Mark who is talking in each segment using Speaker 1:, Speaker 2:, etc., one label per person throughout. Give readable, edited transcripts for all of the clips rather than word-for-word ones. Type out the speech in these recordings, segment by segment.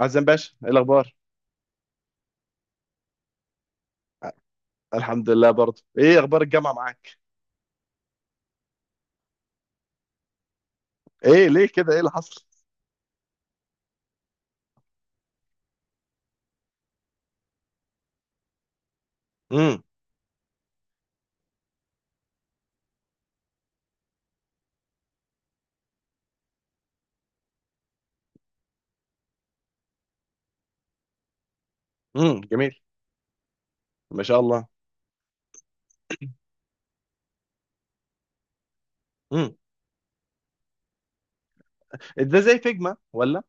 Speaker 1: عزام باشا، ايه الاخبار؟ الحمد لله برضه. ايه اخبار الجامعه معاك؟ ايه؟ ليه كده؟ ايه اللي حصل؟ امم، امم، جميل. ما شاء الله. امم. ده زي فيجما ولا؟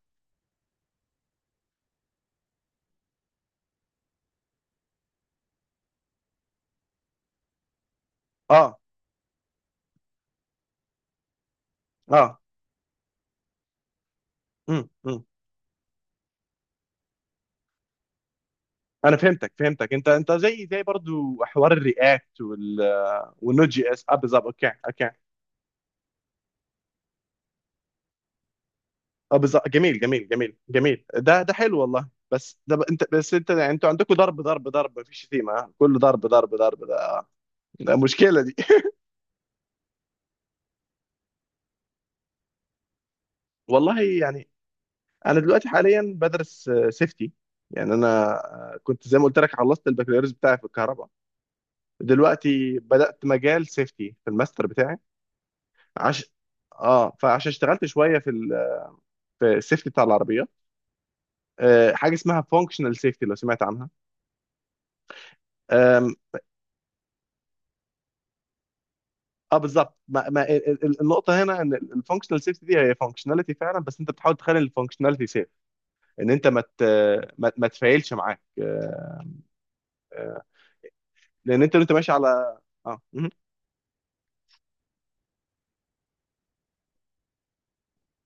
Speaker 1: اه، اه. امم، امم. انا فهمتك، فهمتك، انت زي برضه حوار الرياكت وال... والنوت جي اس، اه، بالظبط، اوكي، اوكي. اه، بالظبط، جميل جميل جميل جميل، ده حلو والله. بس ده انت، يعني انتوا عندكم ضرب ضرب ضرب، مفيش شتيمه، ها؟ كله ضرب ضرب ضرب، ده مشكله دي. والله يعني، انا دلوقتي حاليا بدرس سيفتي. يعني انا، كنت زي ما قلت لك خلصت البكالوريوس بتاعي في الكهرباء. دلوقتي بدات مجال سيفتي في الماستر بتاعي. عش اه فعشان اشتغلت شويه في ال في السيفتي بتاع العربيه. حاجه اسمها فانكشنال سيفتي، لو سمعت عنها؟ آم، اه، بالظبط، ما... ما... ال- ال- النقطه هنا ان الفانكشنال سيفتي دي هي فانكشناليتي فعلا، بس انت بتحاول تخلي الفانكشناليتي سيف. ان انت ما ت... ما, ما تفعلش معاك، آه، لان انت وانت ماشي على. اه مهم.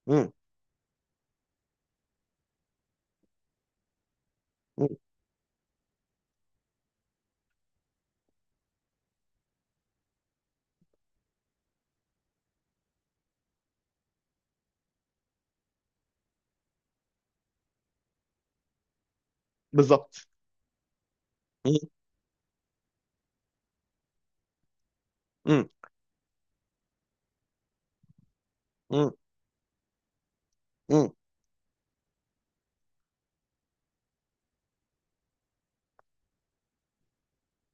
Speaker 1: مهم. مهم. بالظبط. مم. مم. مم.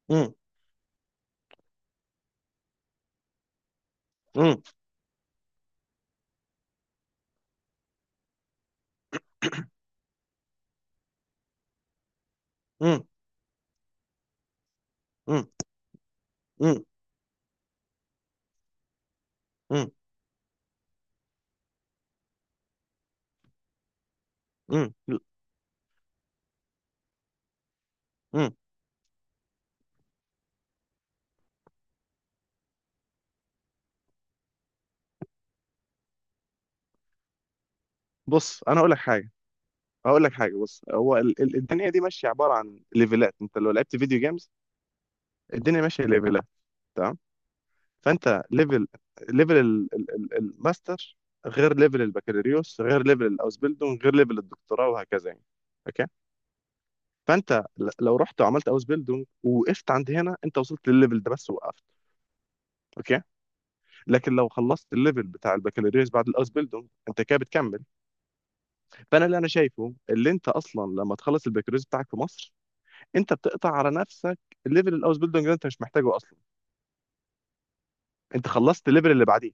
Speaker 1: مم. مم. مم. مم. مم. مم. مم. مم. بص، انا اقول لك حاجه. اقول لك حاجه، بص، هو الدنيا دي ماشيه عباره عن ليفلات، انت لو لعبت فيديو جيمز. الدنيا ماشيه ليفلات. تمام. فانت ليفل الماستر. غير ليفل البكالوريوس، غير ليفل الاوسبيلدون، غير ليفل الدكتوراه وهكذا يعني. اوكي. فانت لو رحت وعملت اوسبيلدون ووقفت عند هنا، انت وصلت للليفل ده بس وقفت. اوكي. لكن لو خلصت الليفل بتاع البكالوريوس بعد الاوسبيلدونج، انت كده بتكمل. اللي انا شايفه اللي انت اصلا لما تخلص البكالوريوس بتاعك في مصر، انت بتقطع على نفسك. ليفل الاوسبيلدونج ده انت مش محتاجه اصلا، انت خلصت الليفل اللي بعديه.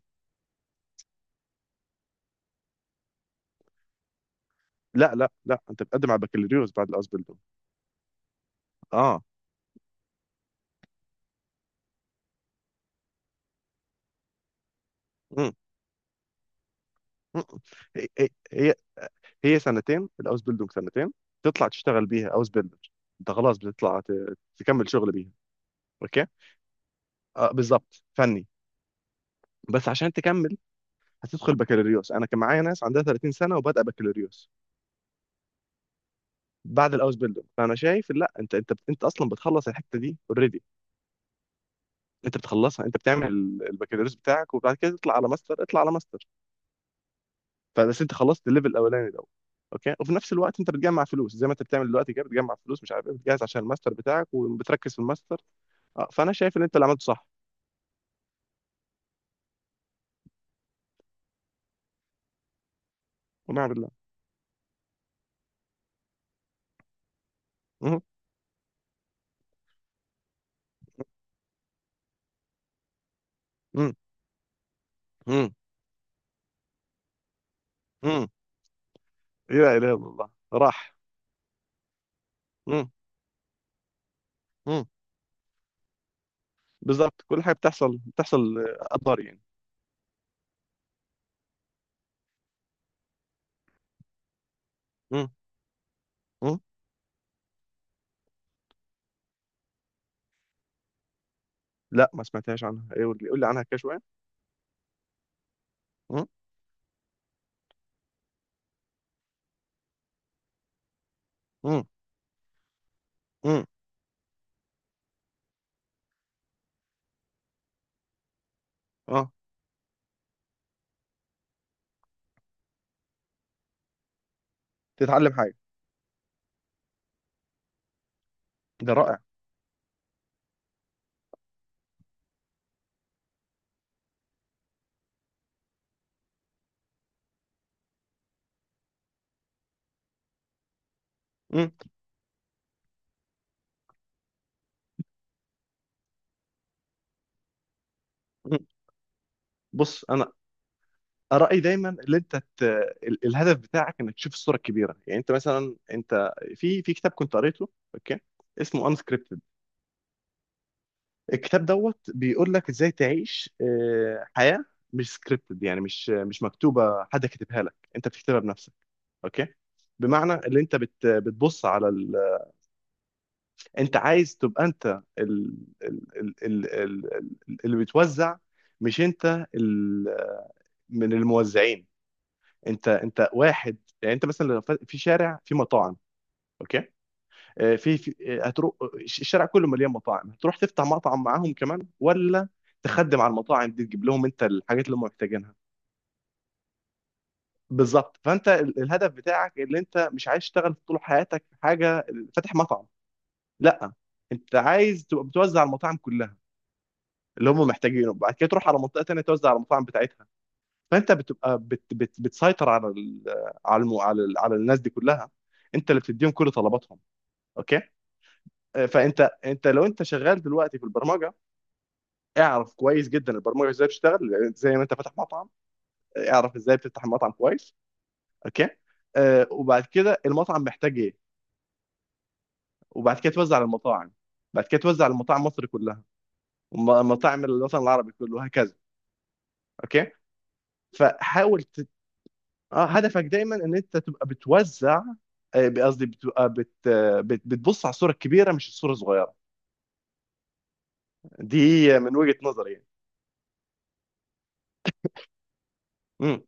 Speaker 1: لا، لا، لا، انت بتقدم على البكالوريوس بعد الاوسبيلدونج. اه. مم. مم. هي هي هي هي سنتين الاوسبيلدونج، سنتين. تطلع تشتغل بيها اوس بيلدر. انت خلاص بتطلع تكمل شغل بيها. اوكي، آه، بالظبط، فني. بس عشان تكمل هتدخل بكالوريوس، انا كان معايا ناس عندها 30 سنه وبادئه بكالوريوس بعد الاوس بيلدون. فانا شايف، لا، انت، اصلا بتخلص الحته دي اوريدي. انت بتخلصها، انت بتعمل البكالوريوس بتاعك وبعد كده تطلع على ماستر، اطلع على ماستر. فبس انت خلصت الليفل الاولاني ده. اوكي. وفي نفس الوقت انت بتجمع فلوس زي ما انت بتعمل دلوقتي كده، بتجمع فلوس مش عارف ايه، بتجهز عشان الماستر بتاعك وبتركز في الماستر. اه، فانا شايف ان انت اللي عملته صح. ونعم بالله. مم. مم. مم. مم. لا اله الا الله، راح. مم. مم. بالظبط، كل حاجه بتحصل بتحصل، قدر يعني. مم. مم. لا، ما سمعتهاش عنها. ايه؟ قول لي، قول لي عنها كده شويه. مم. مم. مم. اه، تتعلم حاجه. ده رائع. مم. مم. بص، انا رايي دايما ان انت الهدف بتاعك، انك تشوف الصوره الكبيره. يعني انت مثلا، انت في كتاب كنت قريته. اوكي. اسمه انسكريبتد. الكتاب دوت بيقول لك ازاي تعيش حياه. مش سكريبتد، يعني مش مكتوبه، حد كاتبها لك، انت بتكتبها بنفسك. اوكي. بمعنى اللي انت بتبص على. انت عايز تبقى، انت ال... ال... ال... ال... اللي بتوزع. مش انت من الموزعين. انت واحد. يعني انت مثلا لو في شارع في مطاعم. اوكي. في هتروح الشارع كله مليان مطاعم، هتروح تفتح مطعم معاهم كمان، ولا تخدم على المطاعم دي، تجيب لهم انت الحاجات اللي هم محتاجينها؟ بالظبط، فانت الهدف بتاعك اللي انت مش عايز تشتغل طول حياتك في حاجه. فاتح مطعم. لا، انت عايز تبقى بتوزع على المطاعم كلها اللي هم محتاجينه، بعد كده تروح على منطقه تانية توزع على المطاعم بتاعتها. فانت بتبقى بت بت بتسيطر على ال على الم على, ال على الناس دي كلها، انت اللي بتديهم كل طلباتهم. اوكي. فانت انت لو انت شغال دلوقتي في البرمجه، اعرف كويس جدا البرمجه ازاي بتشتغل، لأن زي ما انت فاتح مطعم. اعرف ازاي بتفتح المطعم كويس. اوكي. وبعد كده المطعم محتاج ايه، وبعد كده توزع على المطاعم، بعد كده توزع على المطاعم مصر كلها ومطاعم الوطن العربي كله وهكذا. اوكي. فحاول هدفك دايما ان انت تبقى بتوزع. قصدي بتبقى بتبص على الصوره الكبيره مش الصوره الصغيره دي، من وجهه نظري يعني. امم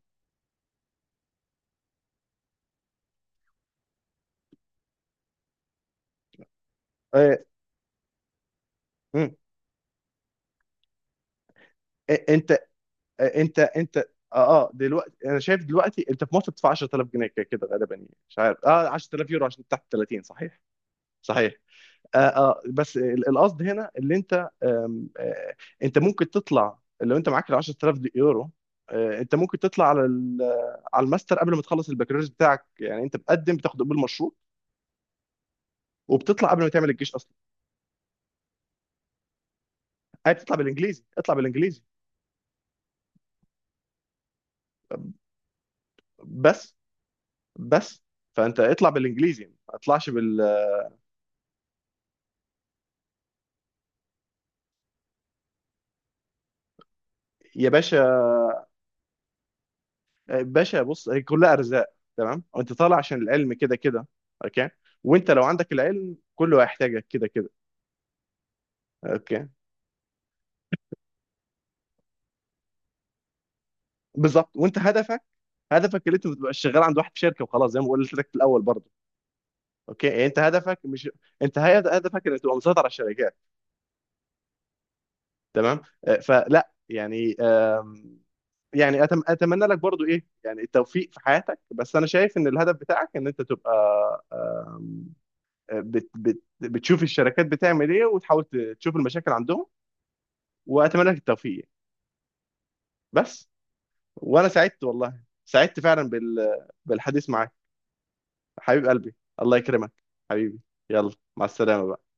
Speaker 1: آه، امم انت آه، انت انت اه اه دلوقتي انا شايف، دلوقتي انت في مصر بتدفع 10000 جنيه كده كده غالبا، يعني مش عارف، 10000 يورو عشان تحت 30، صحيح؟ صحيح. القصد هنا اللي انت آم، آه انت ممكن تطلع لو انت معاك ال 10000 يورو. انت ممكن تطلع على على الماستر قبل ما تخلص البكالوريوس بتاعك، يعني انت بتقدم، بتاخد قبول مشروط، وبتطلع قبل ما تعمل الجيش اصلا. عايز تطلع بالانجليزي؟ اطلع بالانجليزي. بس بس فانت اطلع بالانجليزي، ما تطلعش بال. يا باشا، باشا، بص، هي كلها ارزاق. تمام، وانت طالع عشان العلم كده كده. اوكي. وانت لو عندك العلم كله هيحتاجك كده كده. اوكي، بالظبط، وانت هدفك، هدفك اللي انت ما تبقاش شغال عند واحد في شركه وخلاص، زي ما قلت لك في الاول برضه. اوكي، يعني انت هدفك مش، انت هدفك انك تبقى مسيطر على الشركات. تمام. فلا يعني يعني اتمنى لك برضه ايه يعني التوفيق في حياتك. بس انا شايف ان الهدف بتاعك ان انت تبقى، آم، آه، بت... بت... بتشوف الشركات بتعمل ايه، وتحاول تشوف المشاكل عندهم. واتمنى لك التوفيق. بس، وانا سعدت، والله سعدت فعلا بالحديث معاك. حبيب قلبي. الله يكرمك. حبيبي. يلا. مع السلامة بقى.